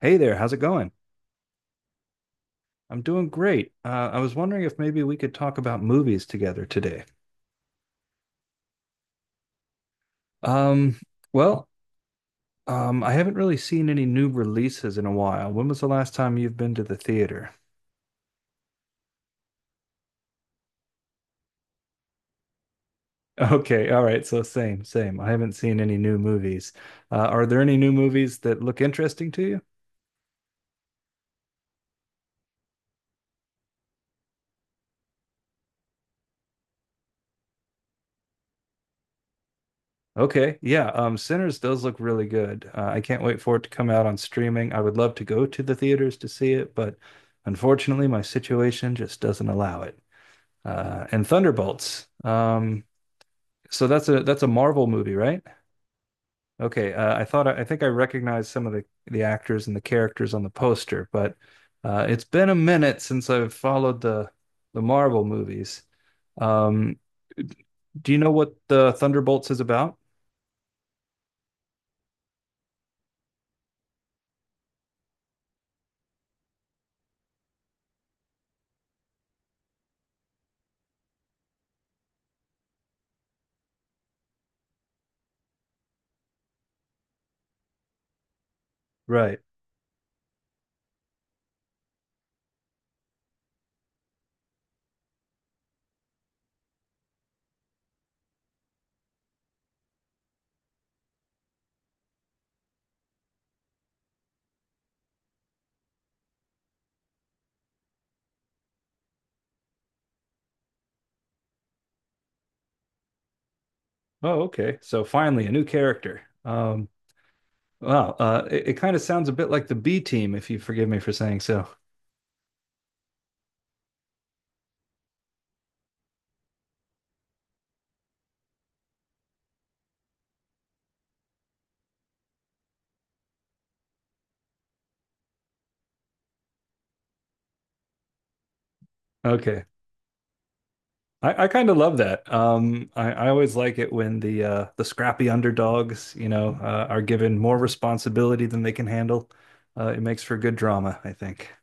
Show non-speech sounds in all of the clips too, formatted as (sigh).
Hey there, how's it going? I'm doing great. I was wondering if maybe we could talk about movies together today. Um, well, I haven't really seen any new releases in a while. When was the last time you've been to the theater? (laughs) Okay, all right, so same, same. I haven't seen any new movies. Are there any new movies that look interesting to you? Okay, yeah, Sinners does look really good. I can't wait for it to come out on streaming. I would love to go to the theaters to see it, but unfortunately, my situation just doesn't allow it. And Thunderbolts. So that's a Marvel movie, right? Okay, I think I recognized some of the actors and the characters on the poster, but it's been a minute since I've followed the Marvel movies. Um, do you know what the Thunderbolts is about? Right. Oh, okay. So finally, a new character. Wow. It kind of sounds a bit like the B Team, if you forgive me for saying so. Okay. I kind of love that. I always like it when the scrappy underdogs, are given more responsibility than they can handle. It makes for good drama, I think.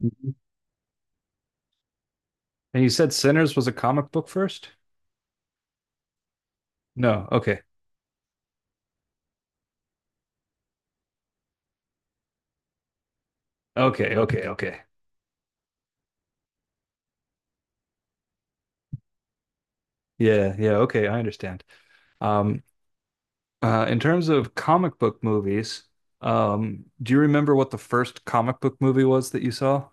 Mhm. And you said Sinners was a comic book first? No. Okay. Okay. Okay. Okay. Yeah. Yeah. Okay. I understand. Um, in terms of comic book movies, do you remember what the first comic book movie was that you saw?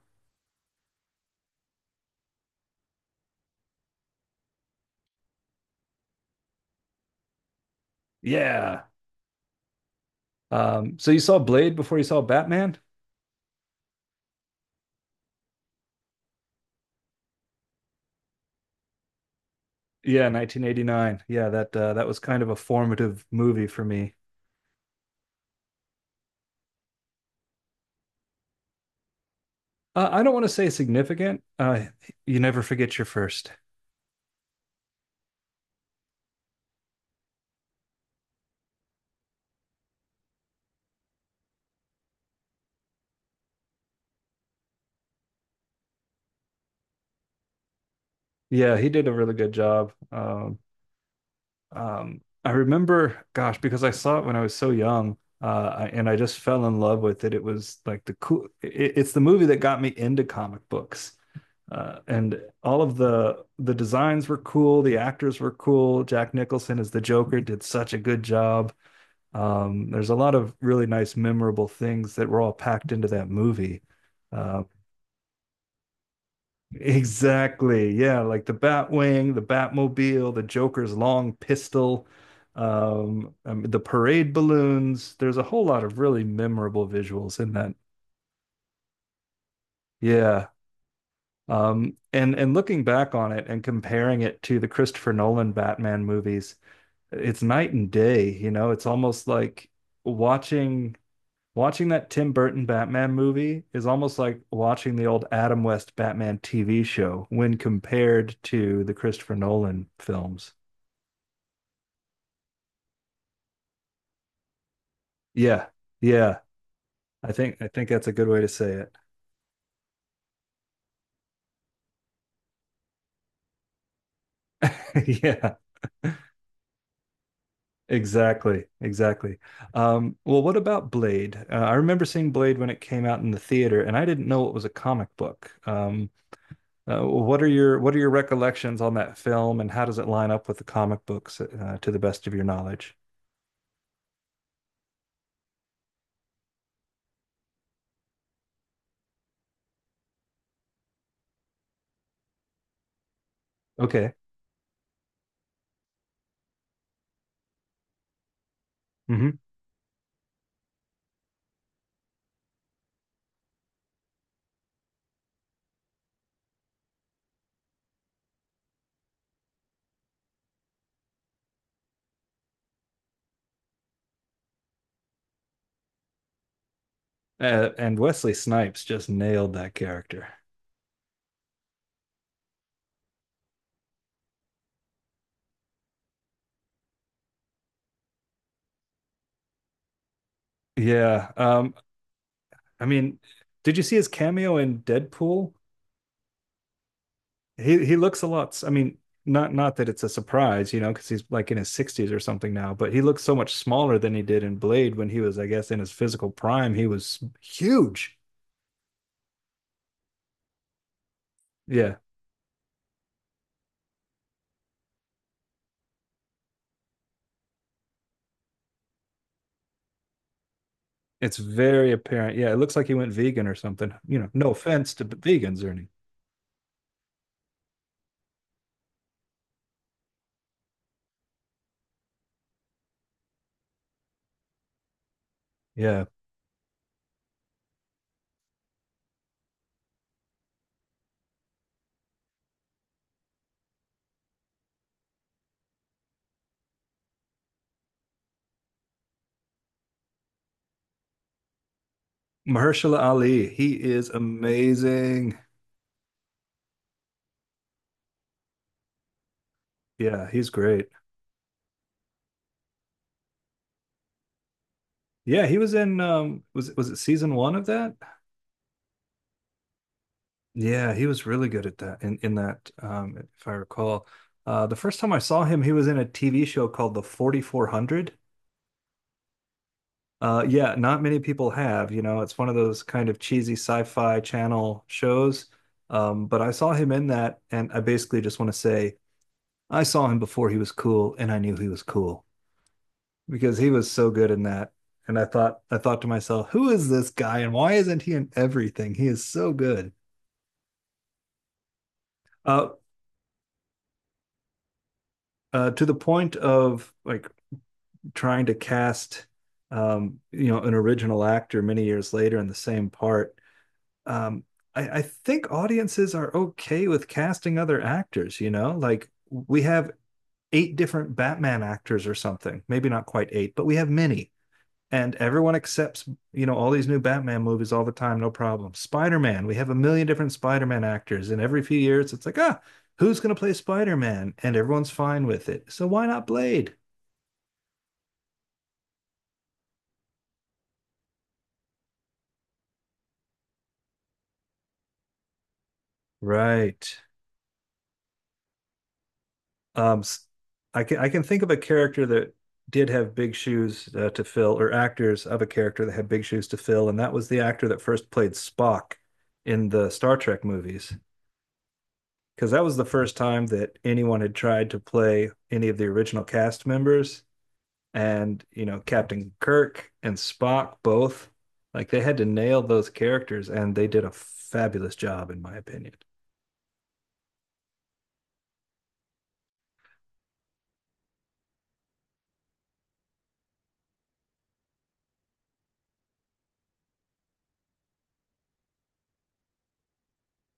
Yeah. So you saw Blade before you saw Batman? Yeah, 1989. Yeah, that that was kind of a formative movie for me. I don't want to say significant. You never forget your first. Yeah, he did a really good job. I remember, gosh, because I saw it when I was so young, and I just fell in love with it. It was like the cool. It's the movie that got me into comic books. And all of the designs were cool. The actors were cool. Jack Nicholson as the Joker did such a good job. There's a lot of really nice, memorable things that were all packed into that movie. Uh, (laughs) exactly. Yeah, like the Batwing, the Batmobile, the Joker's long pistol, the parade balloons. There's a whole lot of really memorable visuals in that. Yeah. And looking back on it and comparing it to the Christopher Nolan Batman movies, it's night and day, you know, it's almost like watching Watching that Tim Burton Batman movie is almost like watching the old Adam West Batman TV show when compared to the Christopher Nolan films. Yeah. Yeah. I think that's a good way to say it. (laughs) Yeah. Exactly. Exactly. Well, what about Blade? I remember seeing Blade when it came out in the theater, and I didn't know it was a comic book. What are your what are your recollections on that film, and how does it line up with the comic books, to the best of your knowledge? Okay. Mm-hmm. And Wesley Snipes just nailed that character. Yeah. I mean, did you see his cameo in Deadpool? He looks a lot. I mean, not that it's a surprise, you know, because he's like in his 60s or something now, but he looks so much smaller than he did in Blade when he was, I guess, in his physical prime. He was huge. Yeah. It's very apparent. Yeah, it looks like he went vegan or something. You know, no offense to vegans or anything. Yeah. Mahershala Ali, he is amazing. Yeah, he's great. Yeah, he was in was it season one of that? Yeah, he was really good at that in that if I recall. The first time I saw him he was in a TV show called The 4400. Yeah, not many people have, you know, it's one of those kind of cheesy sci-fi channel shows. But I saw him in that and I basically just want to say I saw him before he was cool and I knew he was cool because he was so good in that. And I thought to myself, who is this guy and why isn't he in everything? He is so good. Uh, to the point of like trying to cast, you know, an original actor many years later in the same part. Um, I think audiences are okay with casting other actors. You know, like we have eight different Batman actors or something. Maybe not quite eight, but we have many. And everyone accepts, you know, all these new Batman movies all the time, no problem. Spider-Man, we have a million different Spider-Man actors, and every few years it's like, ah, who's going to play Spider-Man, and everyone's fine with it. So why not Blade? Right. um I can think of a character that did have big shoes to fill, or actors of a character that had big shoes to fill, and that was the actor that first played Spock in the Star Trek movies, because that was the first time that anyone had tried to play any of the original cast members, and, you know, Captain Kirk and Spock both, like, they had to nail those characters, and they did a fabulous job in my opinion.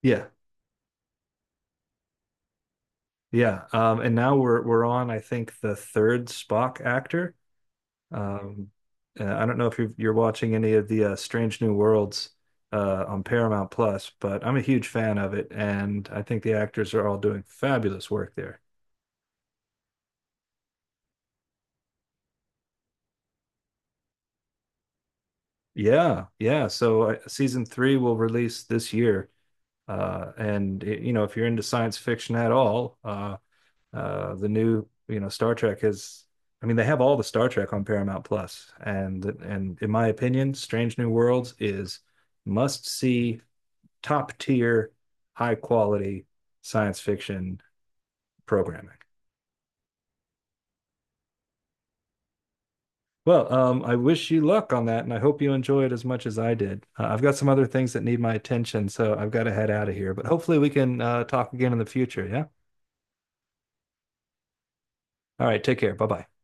Yeah. Yeah. And now we're on, I think, the third Spock actor. Um I don't know if you're watching any of the Strange New Worlds on Paramount Plus, but I'm a huge fan of it and I think the actors are all doing fabulous work there. Yeah. Yeah. So season 3 will release this year. And it, you know, if you're into science fiction at all, the new, you know, Star Trek is. I mean, they have all the Star Trek on Paramount Plus, and in my opinion, Strange New Worlds is must see, top tier, high quality science fiction programming. Well, I wish you luck on that, and I hope you enjoy it as much as I did. I've got some other things that need my attention, so I've got to head out of here. But hopefully, we can talk again in the future. Yeah. All right. Take care. Bye bye.